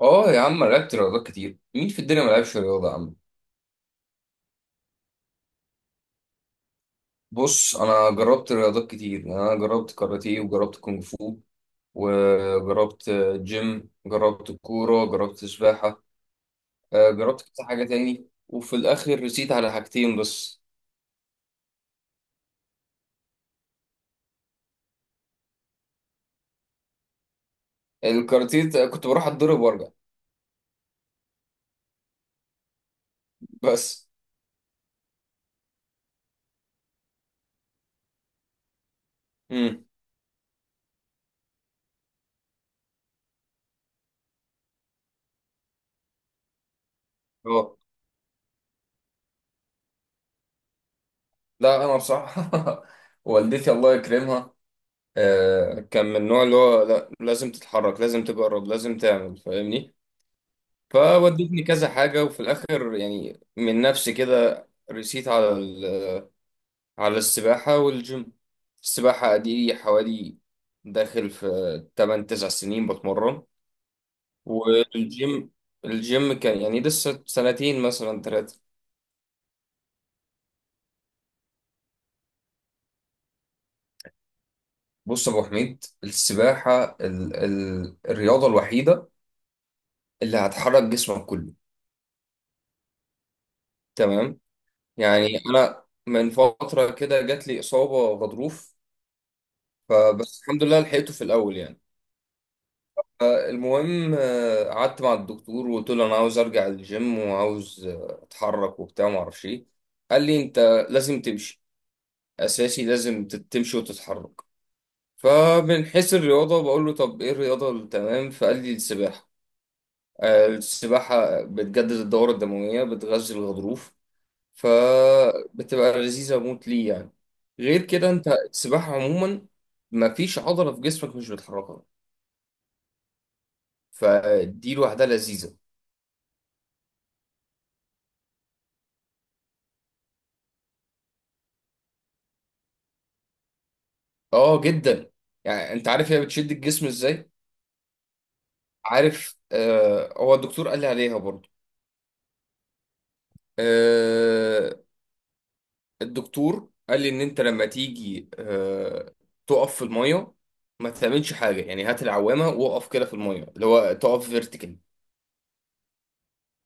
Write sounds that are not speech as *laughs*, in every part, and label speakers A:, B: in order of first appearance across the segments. A: اه يا عم، أنا لعبت رياضات كتير. مين في الدنيا ما لعبش رياضة يا عم؟ بص، انا جربت رياضات كتير. يعني انا جربت كاراتيه وجربت كونغ فو وجربت، جربت كورة، جربت سباحة. جربت كذا حاجة تاني، وفي الاخر رسيت على حاجتين بس. الكاراتيه كنت بروح اتضرب وارجع بس. امم اه، لا انا بصراحة *laughs* والدتي الله يكرمها كان من النوع اللي هو لا، لازم تتحرك، لازم تجرب، لازم تعمل، فاهمني؟ فودتني كذا حاجة، وفي الآخر يعني من نفسي كده رسيت على على السباحة والجيم. السباحة دي حوالي داخل في 8 9 سنين بتمرن. والجيم، الجيم كان يعني لسه سنتين مثلا ثلاثة. بص يا أبو حميد، السباحة ال ال الرياضة الوحيدة اللي هتحرك جسمك كله. تمام. يعني أنا من فترة كده جات لي إصابة غضروف، فبس الحمد لله لحقته في الأول يعني. المهم، قعدت مع الدكتور وقلت له انا عاوز ارجع الجيم وعاوز اتحرك وبتاع وما اعرفش ايه. قال لي: انت لازم تمشي اساسي، لازم تمشي وتتحرك. فمن حيث الرياضه بقول له: طب ايه الرياضه التمام؟ فقال لي السباحه. السباحه بتجدد الدوره الدمويه، بتغذي الغضروف، فبتبقى لذيذه موت ليه يعني. غير كده انت السباحه عموما مفيش عضله في جسمك مش بتحركها، فدي لوحدها لذيذه. اه جدا. يعني انت عارف هي بتشد الجسم ازاي؟ عارف؟ آه، هو الدكتور قال لي عليها برضو. آه، الدكتور قال لي ان انت لما تيجي تقف في الميه، ما تعملش حاجه، يعني هات العوامه واقف كده في الميه، اللي هو تقف فيرتيكال.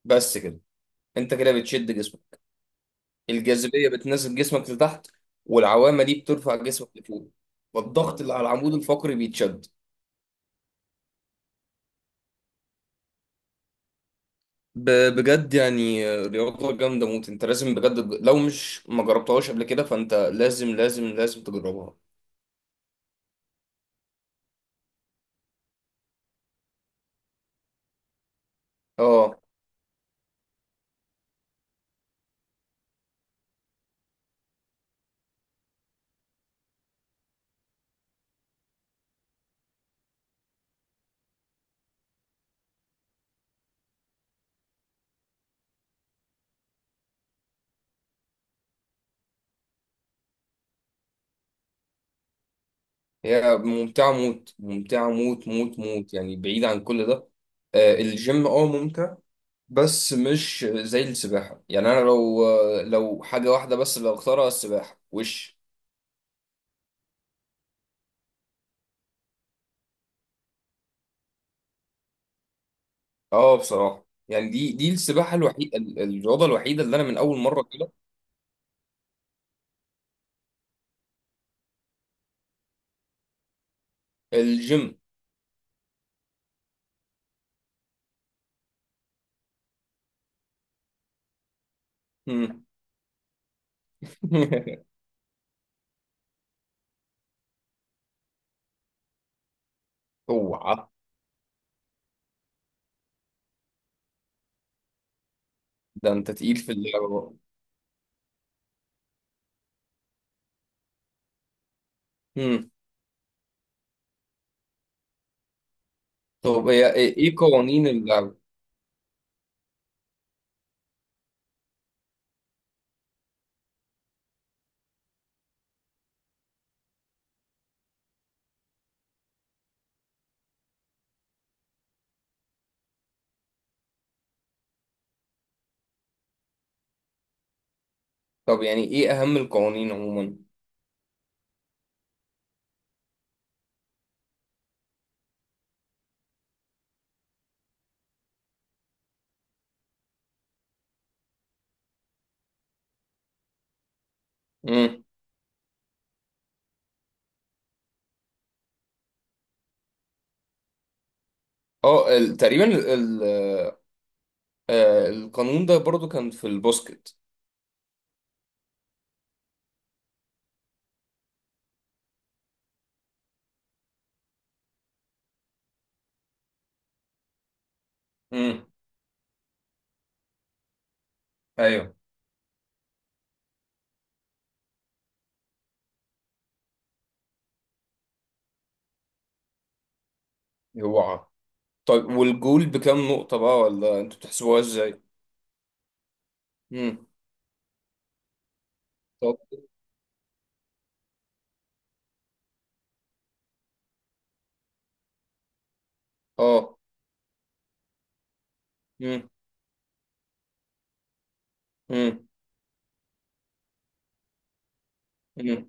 A: بس كده. انت كده بتشد جسمك. الجاذبيه بتنزل جسمك لتحت، والعوامه دي بترفع جسمك لفوق، والضغط اللي على العمود الفقري بيتشد. بجد يعني رياضة جامدة موت. انت لازم بجد، لو مش ما جربتهاش قبل كده فانت لازم لازم لازم تجربها. اه، هي ممتعة موت، ممتعة موت موت موت، يعني بعيد عن كل ده. الجيم اه ممتع، بس مش زي السباحة. يعني انا لو حاجة واحدة بس اللي اختارها السباحة وش. اه بصراحة، يعني دي السباحة الوحيدة، الرياضة الوحيدة اللي انا من اول مرة كده الجيم. مم. *laughs* اوعى! ده انت تقيل في اللعبة بقى. امم. طب هي ايه، إيه قوانين اللعبة؟ طب يعني ايه اهم القوانين عموما؟ امم. اه تقريبا ال ال آه، القانون ده برضو كان في البوسكت. امم. ايوه. هو طيب، والجول بكام نقطة بقى، ولا انتوا بتحسبوها ازاي؟ امم. طب. اه. امم. امم. امم.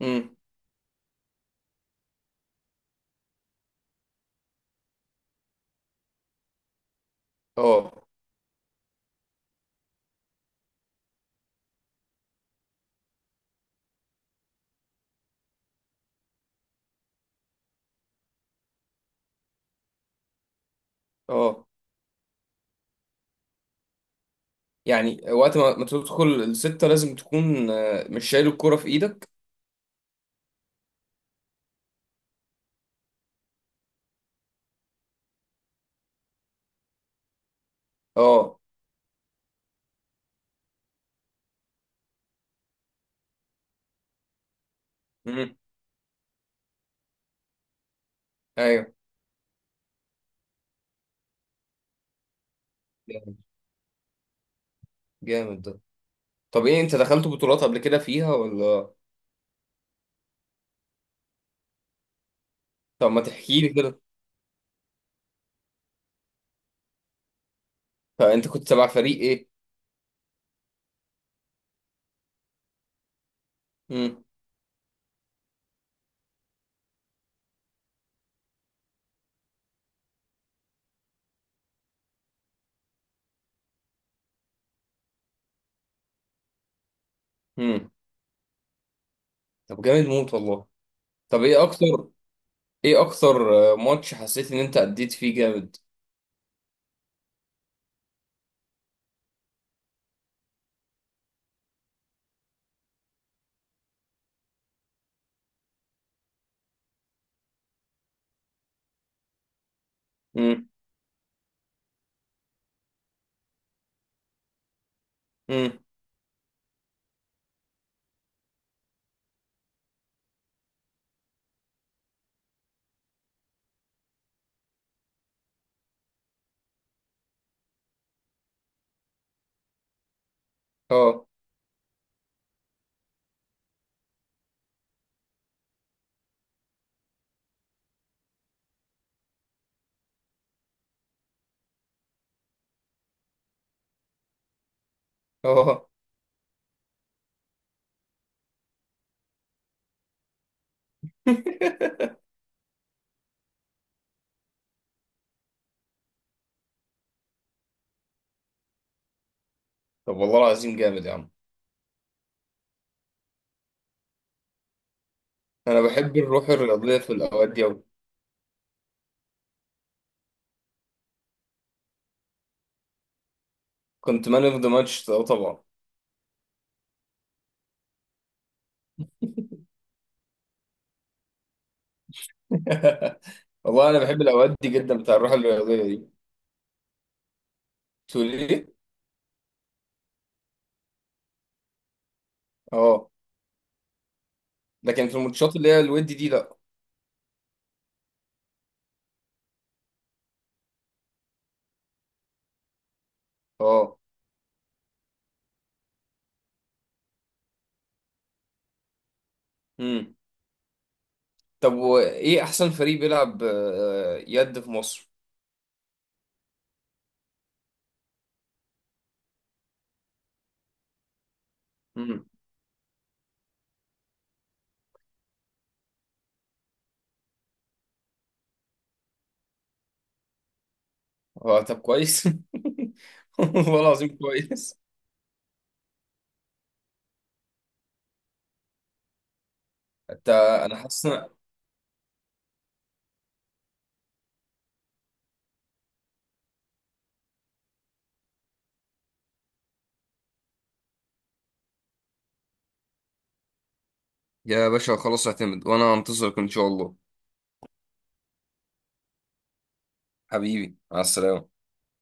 A: امم. اه. اه، يعني وقت ما تدخل الستة لازم تكون مش شايل الكرة في ايدك. اه. امم. ايوه. جامد، جامد ده. طب، ايه، انت دخلت بطولات قبل كده فيها ولا؟ طب ما تحكي لي كده. فانت كنت تبع فريق ايه؟ امم. امم. طب جامد موت والله. طب ايه اكتر، ايه اكتر ماتش حسيت ان انت اديت فيه جامد؟ امم. امم. اه. اه. طب والله العظيم جامد يا عم. انا بحب الروح الرياضيه في الاوقات دي أوي. كنت مان اوف ذا ماتش طبعا. *laughs* والله انا بحب الاوقات دي جدا، بتاع الروح الرياضيه دي. تقول ايه؟ اه، لكن في الماتشات اللي هي الود دي لا. اه. طب وايه احسن فريق بيلعب يد في مصر؟ امم. هو طب كويس. *laughs* والله العظيم كويس. انت انا حاسس إن- يا باشا خلاص، اعتمد، وانا هنتظرك ان شاء الله. حبيبي، مع السلامة.